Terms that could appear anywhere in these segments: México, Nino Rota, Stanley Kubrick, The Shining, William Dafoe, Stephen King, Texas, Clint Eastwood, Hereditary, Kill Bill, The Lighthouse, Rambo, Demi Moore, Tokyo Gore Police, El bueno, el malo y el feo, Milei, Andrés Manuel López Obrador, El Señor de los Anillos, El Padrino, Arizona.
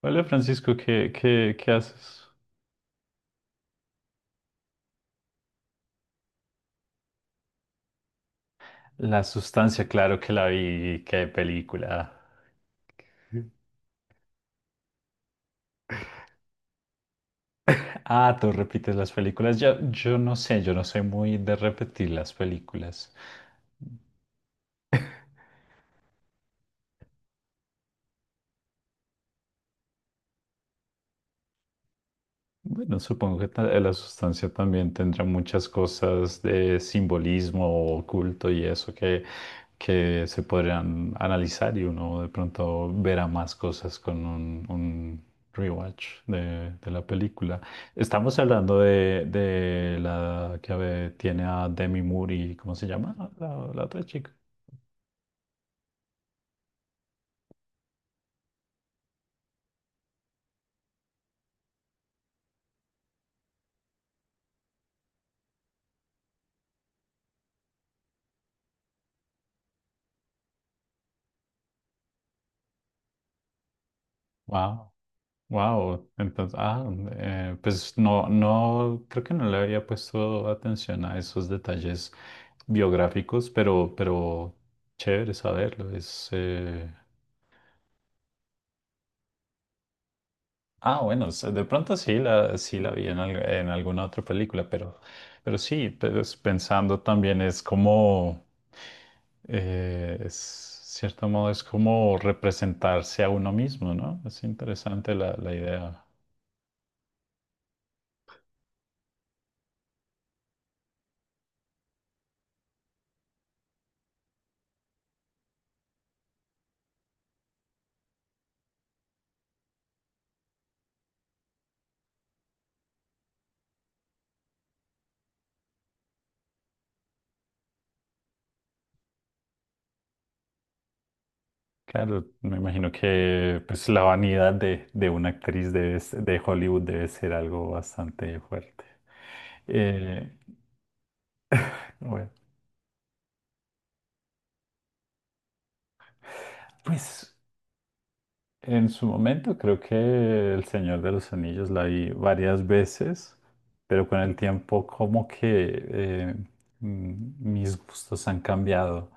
Hola Francisco, ¿qué haces? La sustancia, claro que la vi, qué película. Ah, tú repites las películas. Yo no sé, yo no soy muy de repetir las películas. Bueno, supongo que la sustancia también tendrá muchas cosas de simbolismo oculto y eso que se podrían analizar y uno de pronto verá más cosas con un rewatch de la película. Estamos hablando de la que tiene a Demi Moore y ¿cómo se llama? La otra chica. Wow. Wow, entonces, pues creo que no le había puesto atención a esos detalles biográficos, pero chévere saberlo. Es, ah, bueno, de pronto sí la, sí la vi en, en alguna otra película, pero sí, pues, pensando también es como, es cierto modo es como representarse a uno mismo, ¿no? Es interesante la idea. Claro, me imagino que pues, la vanidad de una actriz debe de Hollywood debe ser algo bastante fuerte. Eh, bueno, pues en su momento creo que El Señor de los Anillos la vi varias veces, pero con el tiempo como que eh, mis gustos han cambiado.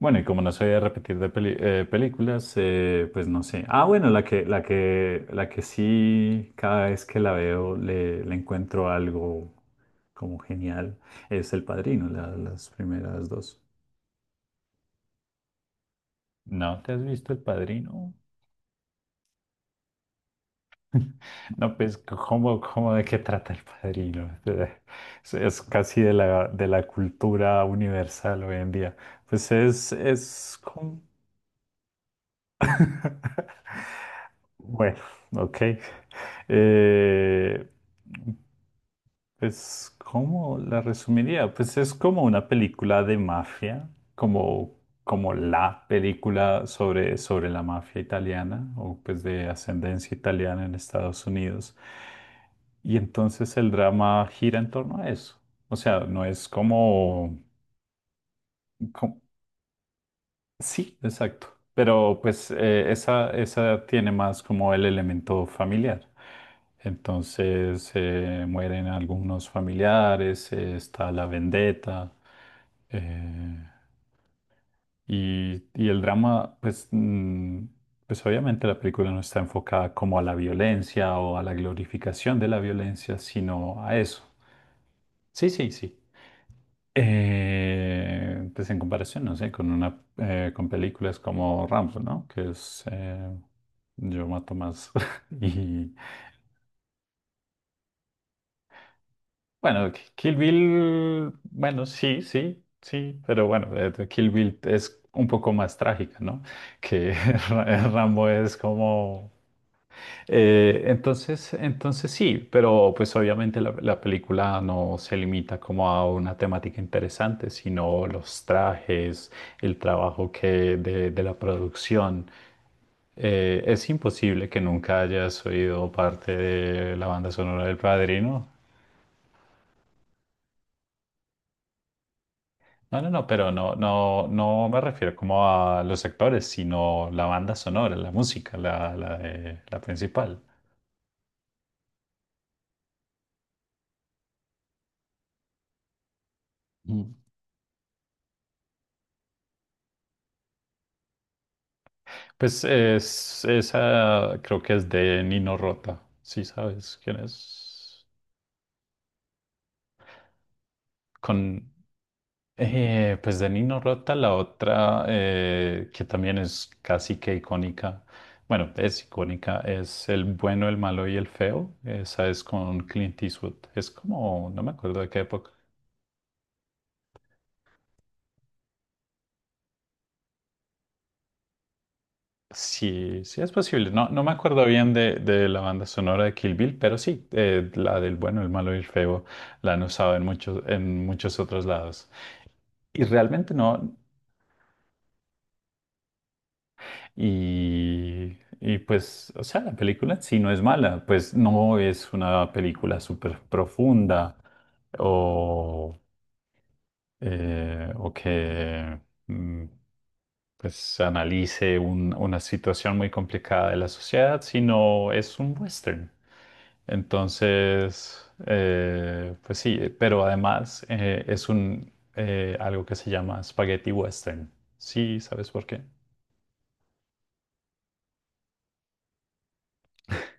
Bueno, y como no soy de repetir de películas, pues no sé. Ah, bueno, la que sí, cada vez que la veo le encuentro algo como genial, es El Padrino, las primeras dos. ¿No te has visto El Padrino? No, pues, ¿cómo de qué trata El Padrino? Es casi de de la cultura universal hoy en día. Pues es como- Bueno, ok. Eh, Pues, ¿cómo la resumiría? Pues es como una película de mafia, como, como la película sobre la mafia italiana o pues de ascendencia italiana en Estados Unidos. Y entonces el drama gira en torno a eso. O sea, no es como, co- sí, exacto. Pero pues esa tiene más como el elemento familiar. Entonces mueren algunos familiares, está la vendetta eh, y el drama, pues, pues obviamente la película no está enfocada como a la violencia o a la glorificación de la violencia, sino a eso. Sí, sí, sí. Pues en comparación, no sé, con una con películas como Rambo, ¿no? Que es yo mato más. Y bueno, Kill Bill, bueno, sí, sí, sí, pero bueno, Kill Bill es un poco más trágica, ¿no? Que Rambo es como. Entonces sí, pero pues obviamente la película no se limita como a una temática interesante, sino los trajes, el trabajo que de la producción. Es imposible que nunca hayas oído parte de la banda sonora del Padrino. No, pero no me refiero como a los actores, sino la banda sonora, la música, la principal. Pues es, esa creo que es de Nino Rota, si sabes quién es. Con, pues de Nino Rota, la otra que también es casi que icónica, bueno, es icónica, es El bueno, el malo y el feo. Esa es con Clint Eastwood. Es como, no me acuerdo de qué época. Sí, sí es posible. No, no me acuerdo bien de la banda sonora de Kill Bill, pero sí, la del bueno, el malo y el feo la han usado en muchos otros lados. Y realmente no. Y pues, o sea, la película en sí no es mala, pues no es una película súper profunda o... o que mm, pues analice una situación muy complicada de la sociedad, sino es un western. Entonces, pues sí, pero además es un algo que se llama spaghetti western. Sí, ¿sabes por qué?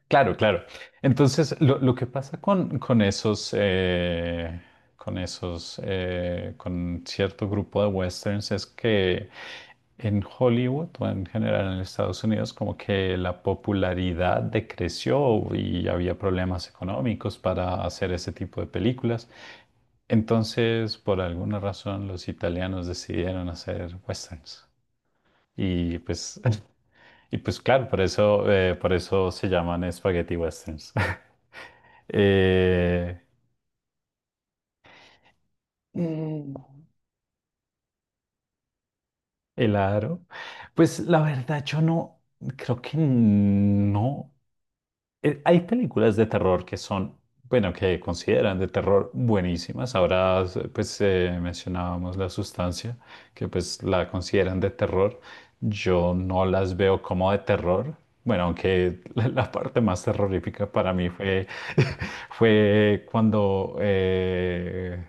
Claro, claro. Entonces, lo que pasa con esos, con cierto grupo de westerns es que en Hollywood o en general en Estados Unidos, como que la popularidad decreció y había problemas económicos para hacer ese tipo de películas. Entonces, por alguna razón, los italianos decidieron hacer westerns. Y pues, y pues claro, por eso se llaman espagueti westerns. Eh, El aro. Pues la verdad, yo no, creo que no. Hay películas de terror que son, bueno, que consideran de terror buenísimas. Ahora, pues mencionábamos La Sustancia, que pues la consideran de terror. Yo no las veo como de terror. Bueno, aunque la parte más terrorífica para mí fue, fue cuando...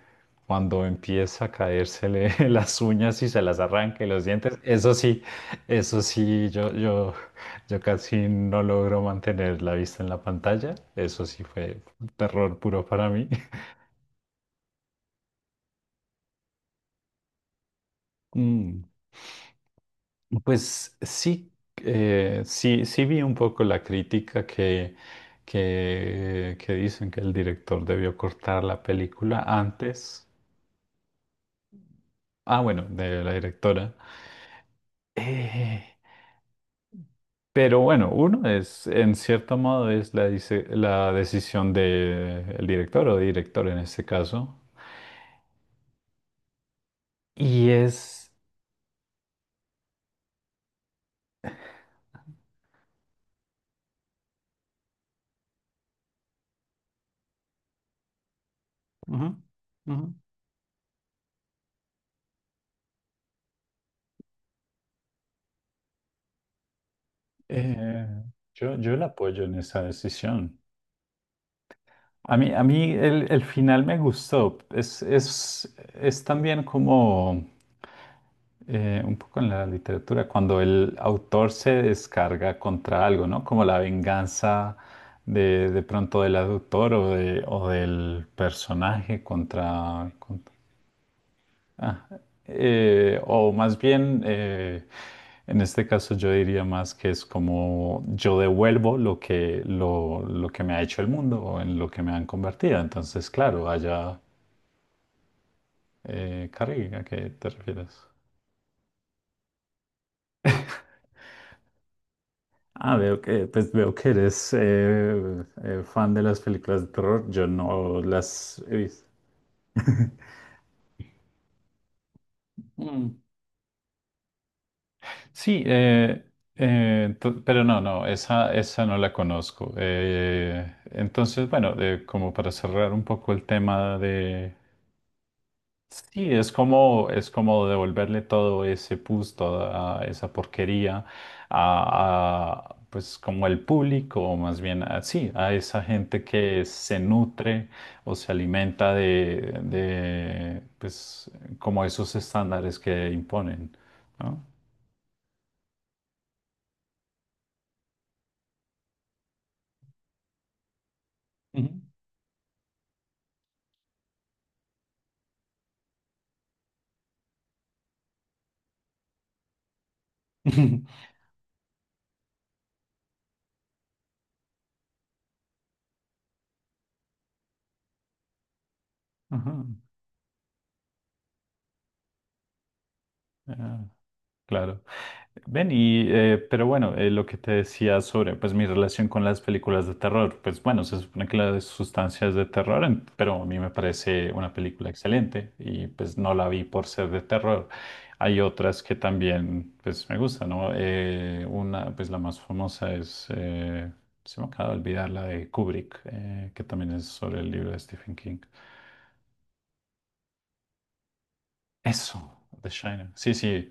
cuando empieza a caérsele las uñas y se las arranca y los dientes, eso sí, yo casi no logro mantener la vista en la pantalla. Eso sí fue terror puro para mí. Mm, pues sí, sí, sí vi un poco la crítica que dicen que el director debió cortar la película antes. Ah, bueno, de la directora. Eh, Pero bueno, uno es, en cierto modo, es la decisión del director o director en este caso. Y es, ujú, ujú. eh, yo la apoyo en esa decisión. A mí el final me gustó. Es también como... un poco en la literatura, cuando el autor se descarga contra algo, ¿no? Como la venganza de pronto del autor o del personaje contra... contra- ah, O más bien, en este caso yo diría más que es como yo devuelvo lo que, lo que me ha hecho el mundo o en lo que me han convertido. Entonces, claro, allá, Carrie, ¿a qué te refieres? Ah, veo pues veo que eres fan de las películas de terror. Yo no las he visto. Mm, sí, pero no, no, esa no la conozco. Entonces, bueno, como para cerrar un poco el tema de sí, es como devolverle todo ese pus, toda esa porquería pues como el público, o más bien a, sí, a esa gente que se nutre o se alimenta de pues como esos estándares que imponen, ¿no? Ujú. Ajá. Ah, claro. Ven, y pero bueno, lo que te decía sobre pues mi relación con las películas de terror, pues bueno, se supone que la de sustancia es de terror, pero a mí me parece una película excelente y pues no la vi por ser de terror. Hay otras que también pues me gustan, ¿no? Una, pues la más famosa es, se me acaba de olvidar la de Kubrick, que también es sobre el libro de Stephen King. Eso, The Shining. Sí, sí.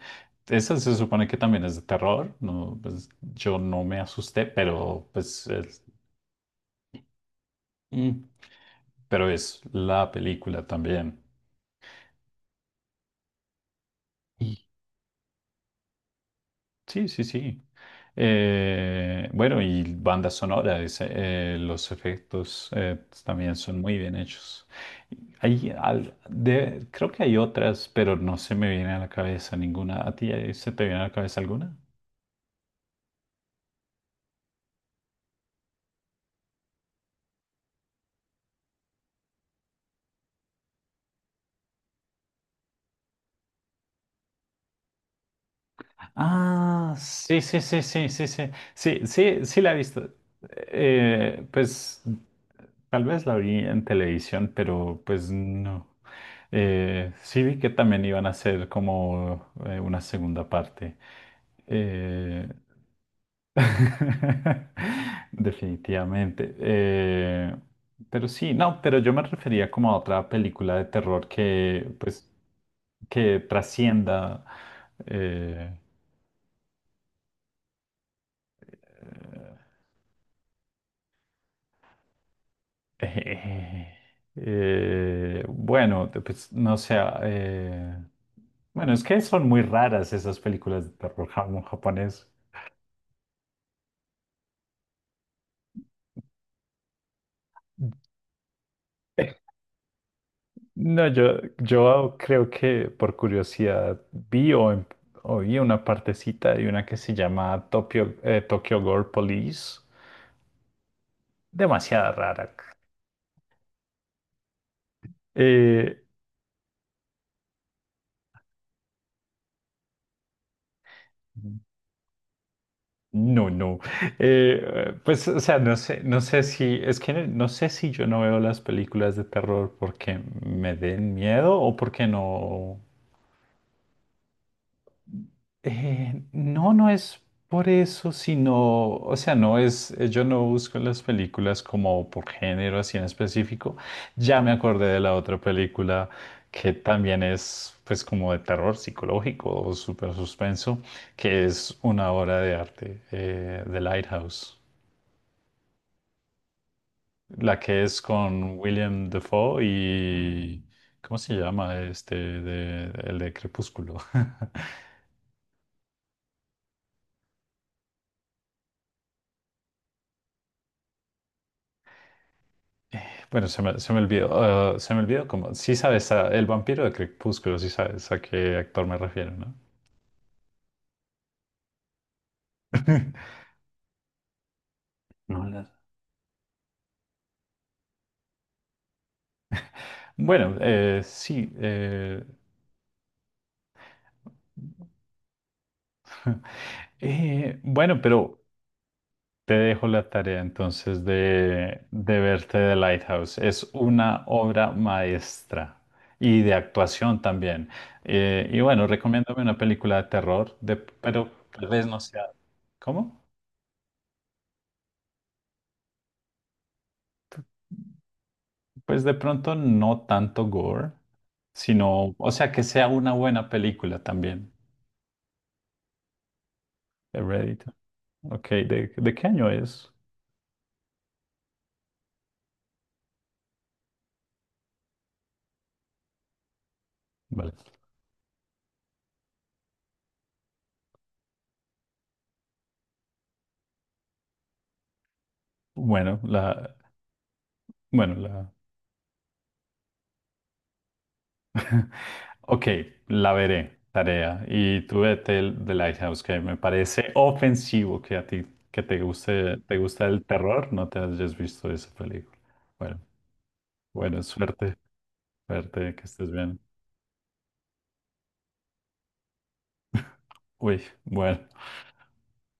Esa se supone que también es de terror. No, pues yo no me asusté, pero pues mm, pero es la película también. Y- Sí, sí, sí. Bueno, y banda sonora, ese, los efectos pues, también son muy bien hechos. Creo que hay otras, pero no se me viene a la cabeza ninguna. ¿A ti se te viene a la cabeza alguna? Ah, sí, sí, sí, sí, sí, sí, sí, sí, sí la he visto. Pues tal vez la vi en televisión, pero pues no. Sí vi que también iban a hacer como una segunda parte. Eh, Definitivamente. Pero sí, no, pero yo me refería como a otra película de terror que, pues, que trascienda. eh, Eh, bueno, pues no sé. eh, bueno, es que son muy raras esas películas de terror japonés. Eh, No, yo creo que por curiosidad vi oí una partecita de una que se llama Tokyo, Tokyo Gore Police. Demasiado rara. Eh, No, no. Pues, o sea, no sé, no sé si, es que no sé si yo no veo las películas de terror porque me den miedo o porque no. No, no es por eso, sino, o sea, no es, yo no busco las películas como por género así en específico. Ya me acordé de la otra película que también es, pues, como de terror psicológico o super suspenso, que es una obra de arte, The Lighthouse. La que es con William Dafoe y... ¿Cómo se llama este? El de Crepúsculo. Bueno, se me olvidó. Se me olvidó como... Sí sabes, el vampiro de Crepúsculo, sí sabes a qué actor me refiero, ¿no? No, bueno, sí. Bueno, pero... Te dejo la tarea entonces de verte The Lighthouse. Es una obra maestra y de actuación también. Y bueno, recomiéndame una película de terror, de, pero tal vez no sea... ¿Cómo? Pues de pronto no tanto gore, sino, o sea, que sea una buena película también. Hereditary. Ok, de qué año es? Vale. Bueno, la, bueno, la, Ok, la veré, tarea. Y tú vete The Lighthouse, que me parece ofensivo que a ti que te guste, te gusta el terror, no te hayas visto esa película. Bueno, bueno, suerte, que estés bien. Uy, bueno.